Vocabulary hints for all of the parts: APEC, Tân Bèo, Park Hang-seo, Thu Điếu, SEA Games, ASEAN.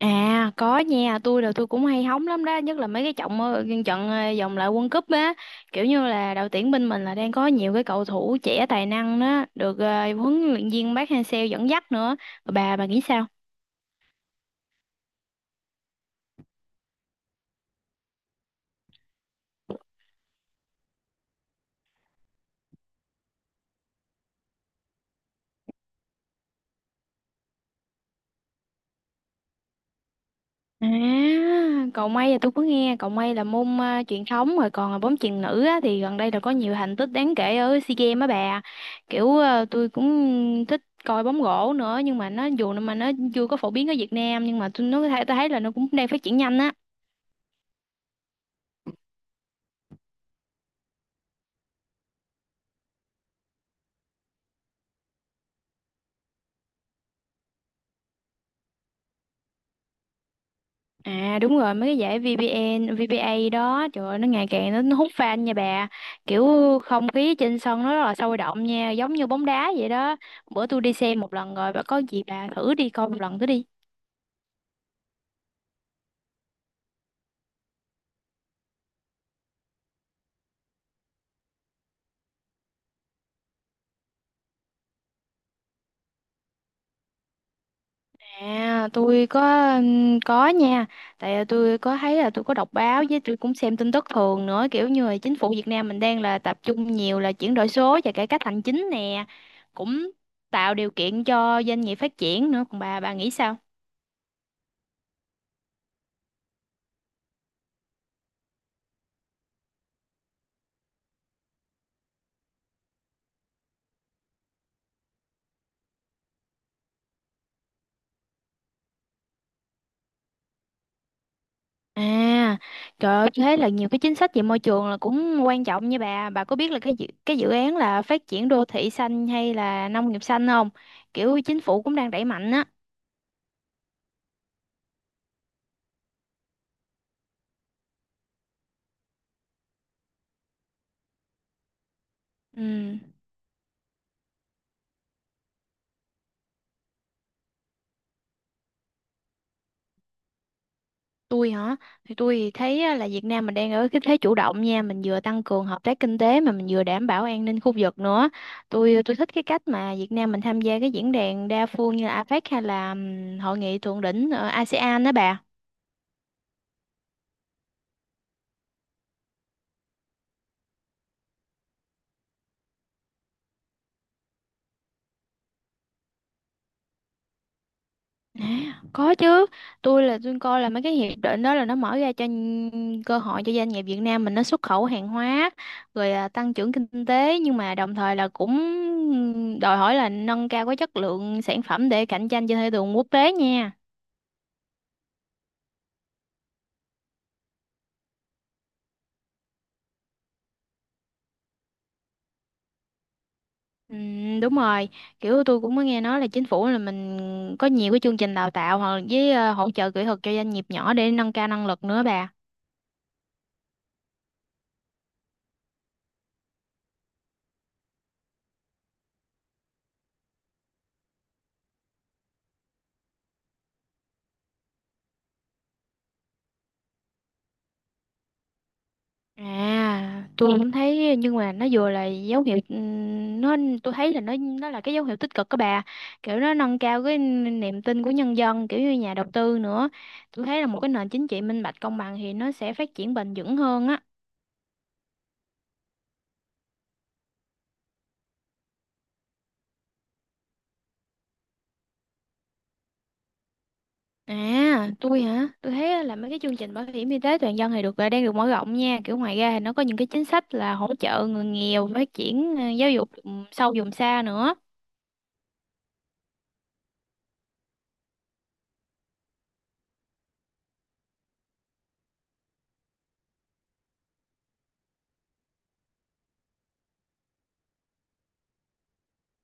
À có nha, tôi cũng hay hóng lắm đó, nhất là mấy cái trận vòng loại World Cup á, kiểu như là đội tuyển bên mình là đang có nhiều cái cầu thủ trẻ tài năng đó, được huấn luyện viên Park Hang-seo dẫn dắt nữa. Bà nghĩ sao? À, cầu mây là tôi có nghe, cầu mây là môn truyền thống rồi còn là bóng chuyền nữ á, thì gần đây là có nhiều thành tích đáng kể ở SEA Games á bà. Kiểu tôi cũng thích coi bóng rổ nữa nhưng mà nó dù mà nó chưa có phổ biến ở Việt Nam nhưng mà tôi thấy là nó cũng đang phát triển nhanh á. À đúng rồi mấy cái giải VPN, VPA đó, trời ơi, nó ngày càng nó hút fan nha bà, kiểu không khí trên sân nó rất là sôi động nha, giống như bóng đá vậy đó. Bữa tôi đi xem một lần rồi, bà có gì bà thử đi coi một lần thử đi. À tôi có nha, tại tôi có thấy là tôi có đọc báo với tôi cũng xem tin tức thường nữa, kiểu như là chính phủ Việt Nam mình đang là tập trung nhiều là chuyển đổi số và cải cách hành chính nè, cũng tạo điều kiện cho doanh nghiệp phát triển nữa. Còn bà nghĩ sao? À, trời ơi, thế là nhiều cái chính sách về môi trường là cũng quan trọng nha bà. Bà có biết là cái dự án là phát triển đô thị xanh hay là nông nghiệp xanh không? Kiểu chính phủ cũng đang đẩy mạnh á. Ừ, tôi hả? Thì tôi thấy á, là Việt Nam mình đang ở cái thế chủ động nha, mình vừa tăng cường hợp tác kinh tế mà mình vừa đảm bảo an ninh khu vực nữa. Tôi thích cái cách mà Việt Nam mình tham gia cái diễn đàn đa phương như là APEC hay là hội nghị thượng đỉnh ở ASEAN đó bà. À, có chứ, tôi coi là mấy cái hiệp định đó là nó mở ra cơ hội cho doanh nghiệp Việt Nam mình nó xuất khẩu hàng hóa, rồi tăng trưởng kinh tế, nhưng mà đồng thời là cũng đòi hỏi là nâng cao cái chất lượng sản phẩm để cạnh tranh trên thị trường quốc tế nha. Đúng rồi, kiểu tôi cũng có nghe nói là chính phủ là mình có nhiều cái chương trình đào tạo hoặc với hỗ trợ kỹ thuật cho doanh nghiệp nhỏ để nâng cao năng lực nữa bà. À, tôi cũng thấy, nhưng mà nó vừa là dấu hiệu nó tôi thấy là nó là cái dấu hiệu tích cực các bà. Kiểu nó nâng cao cái niềm tin của nhân dân, kiểu như nhà đầu tư nữa. Tôi thấy là một cái nền chính trị minh bạch công bằng thì nó sẽ phát triển bền vững hơn á. À, tôi hả? Tôi thấy là mấy cái chương trình bảo hiểm y tế toàn dân thì đang được mở rộng nha. Kiểu ngoài ra thì nó có những cái chính sách là hỗ trợ người nghèo phát triển giáo dục sâu vùng xa nữa.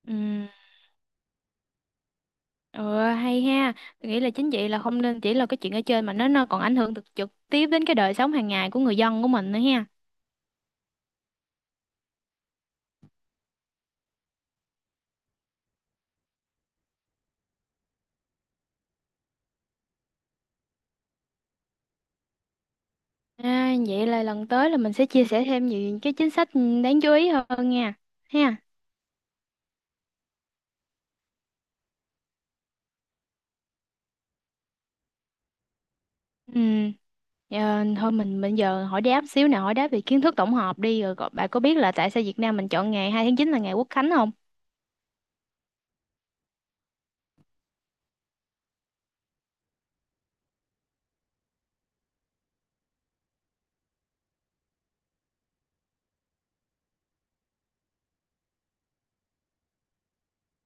Ừ. Ờ hay ha, tôi nghĩ là chính vậy là không nên chỉ là cái chuyện ở trên mà nó còn ảnh hưởng trực trực tiếp đến cái đời sống hàng ngày của người dân của mình nữa ha. À, vậy là lần tới là mình sẽ chia sẻ thêm nhiều cái chính sách đáng chú ý hơn nha. Ha. Ừ. Ờ, thôi mình bây giờ hỏi đáp xíu nào, hỏi đáp về kiến thức tổng hợp đi rồi bạn có biết là tại sao Việt Nam mình chọn ngày 2 tháng 9 là ngày Quốc khánh không?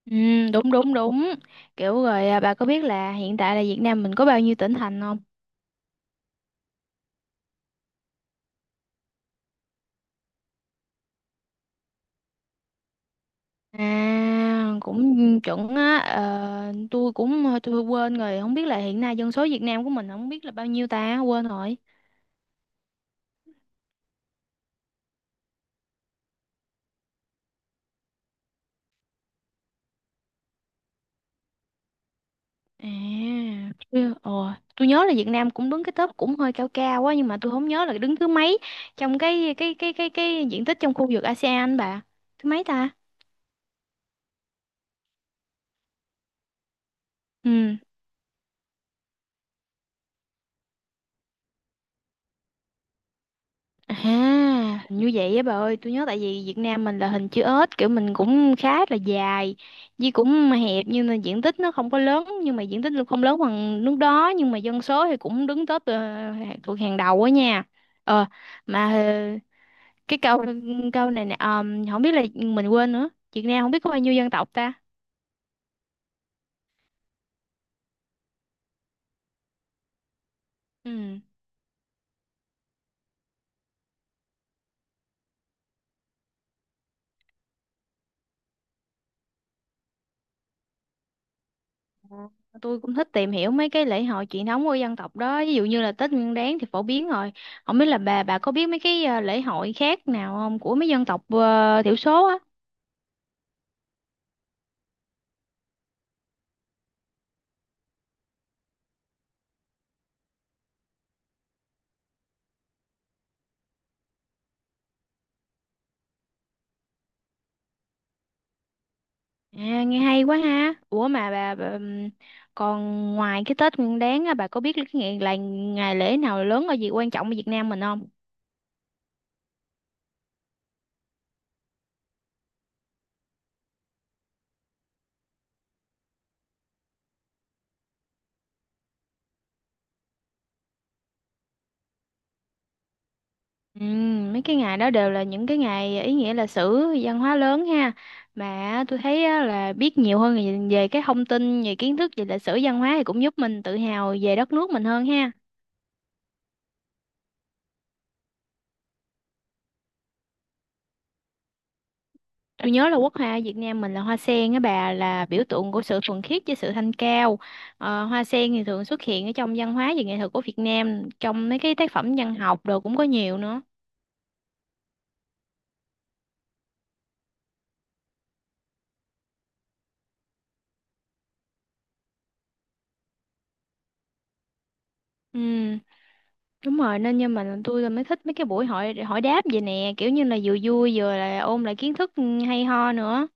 Ừ, đúng đúng đúng. Kiểu rồi bà có biết là hiện tại là Việt Nam mình có bao nhiêu tỉnh thành không? À, cũng chuẩn á. Ờ, tôi cũng quên rồi, không biết là hiện nay dân số Việt Nam của mình không biết là bao nhiêu ta, quên rồi. À, tôi, ồ, tôi nhớ là Việt Nam cũng đứng cái top cũng hơi cao cao quá nhưng mà tôi không nhớ là đứng thứ mấy trong cái diện tích trong khu vực ASEAN bà. Thứ mấy ta? Ừ. À, như vậy á bà ơi, tôi nhớ tại vì Việt Nam mình là hình chữ S, kiểu mình cũng khá là dài, với cũng hẹp, nhưng mà diện tích nó không có lớn, nhưng mà diện tích nó không lớn bằng nước đó, nhưng mà dân số thì cũng đứng top thuộc hàng đầu á nha. Ờ, mà cái câu câu này nè, không biết là mình quên nữa, Việt Nam không biết có bao nhiêu dân tộc ta. Ừ. Ờ, tôi cũng thích tìm hiểu mấy cái lễ hội truyền thống của dân tộc đó, ví dụ như là Tết Nguyên Đán thì phổ biến rồi, không biết là bà có biết mấy cái lễ hội khác nào không của mấy dân tộc thiểu số á. À, nghe hay quá ha. Ủa mà bà, còn ngoài cái Tết Nguyên Đán á, bà có biết cái ngày lễ nào lớn ở gì quan trọng ở Việt Nam mình không? Mấy cái ngày đó đều là những cái ngày ý nghĩa lịch sử văn hóa lớn ha. Mà tôi thấy á, là biết nhiều hơn về về cái thông tin về kiến thức về lịch sử văn hóa thì cũng giúp mình tự hào về đất nước mình hơn ha. Tôi nhớ là quốc hoa Việt Nam mình là hoa sen á bà, là biểu tượng của sự thuần khiết với sự thanh cao. Ờ, hoa sen thì thường xuất hiện ở trong văn hóa và nghệ thuật của Việt Nam, trong mấy cái tác phẩm văn học đồ cũng có nhiều nữa. Ừ. Đúng rồi, nên nhưng mà tôi mới thích mấy cái buổi hỏi hỏi đáp vậy nè, kiểu như là vừa vui vừa là ôn lại kiến thức hay ho nữa.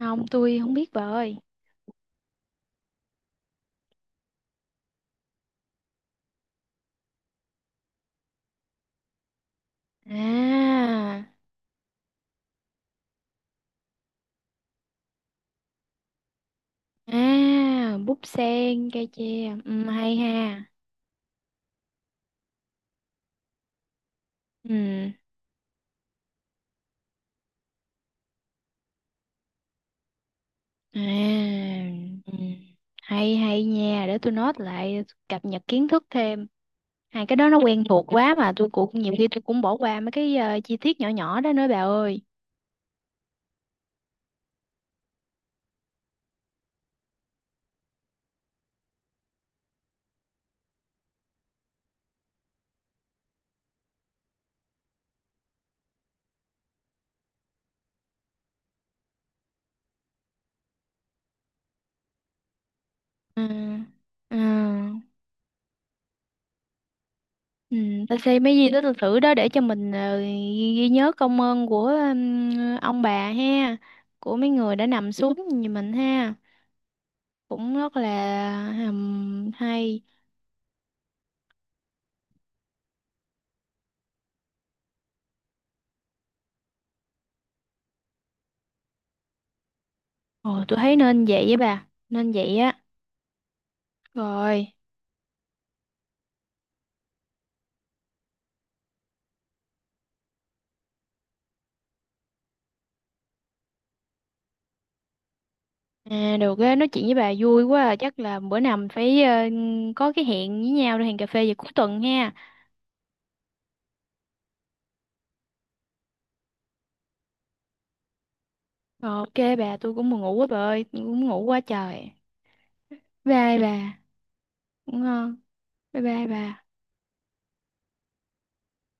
Không, tôi không biết bà ơi. À, búp sen, cây tre. Ừ, hay ha. Ừ. À. Ừ. Hay hay nha, để tôi note lại, cập nhật kiến thức thêm. Hai cái đó nó quen thuộc quá mà tôi cũng bỏ qua mấy cái chi tiết nhỏ nhỏ đó nữa bà ơi. Ừ. Ừ. Ừ, ta xem mấy di tích lịch sử đó để cho mình ghi nhớ công ơn của ông bà ha, của mấy người đã nằm xuống như mình ha, cũng rất là hay. Ồ tôi thấy nên vậy, với bà nên vậy á. Rồi. À, được á, nói chuyện với bà vui quá à. Chắc là bữa nào mình phải có cái hẹn với nhau, để hẹn cà phê vào cuối tuần ha. Rồi, ok bà, tôi cũng buồn ngủ quá bà ơi, tôi cũng ngủ quá trời. Bye bà. Ngủ ngon. Bye bye bà.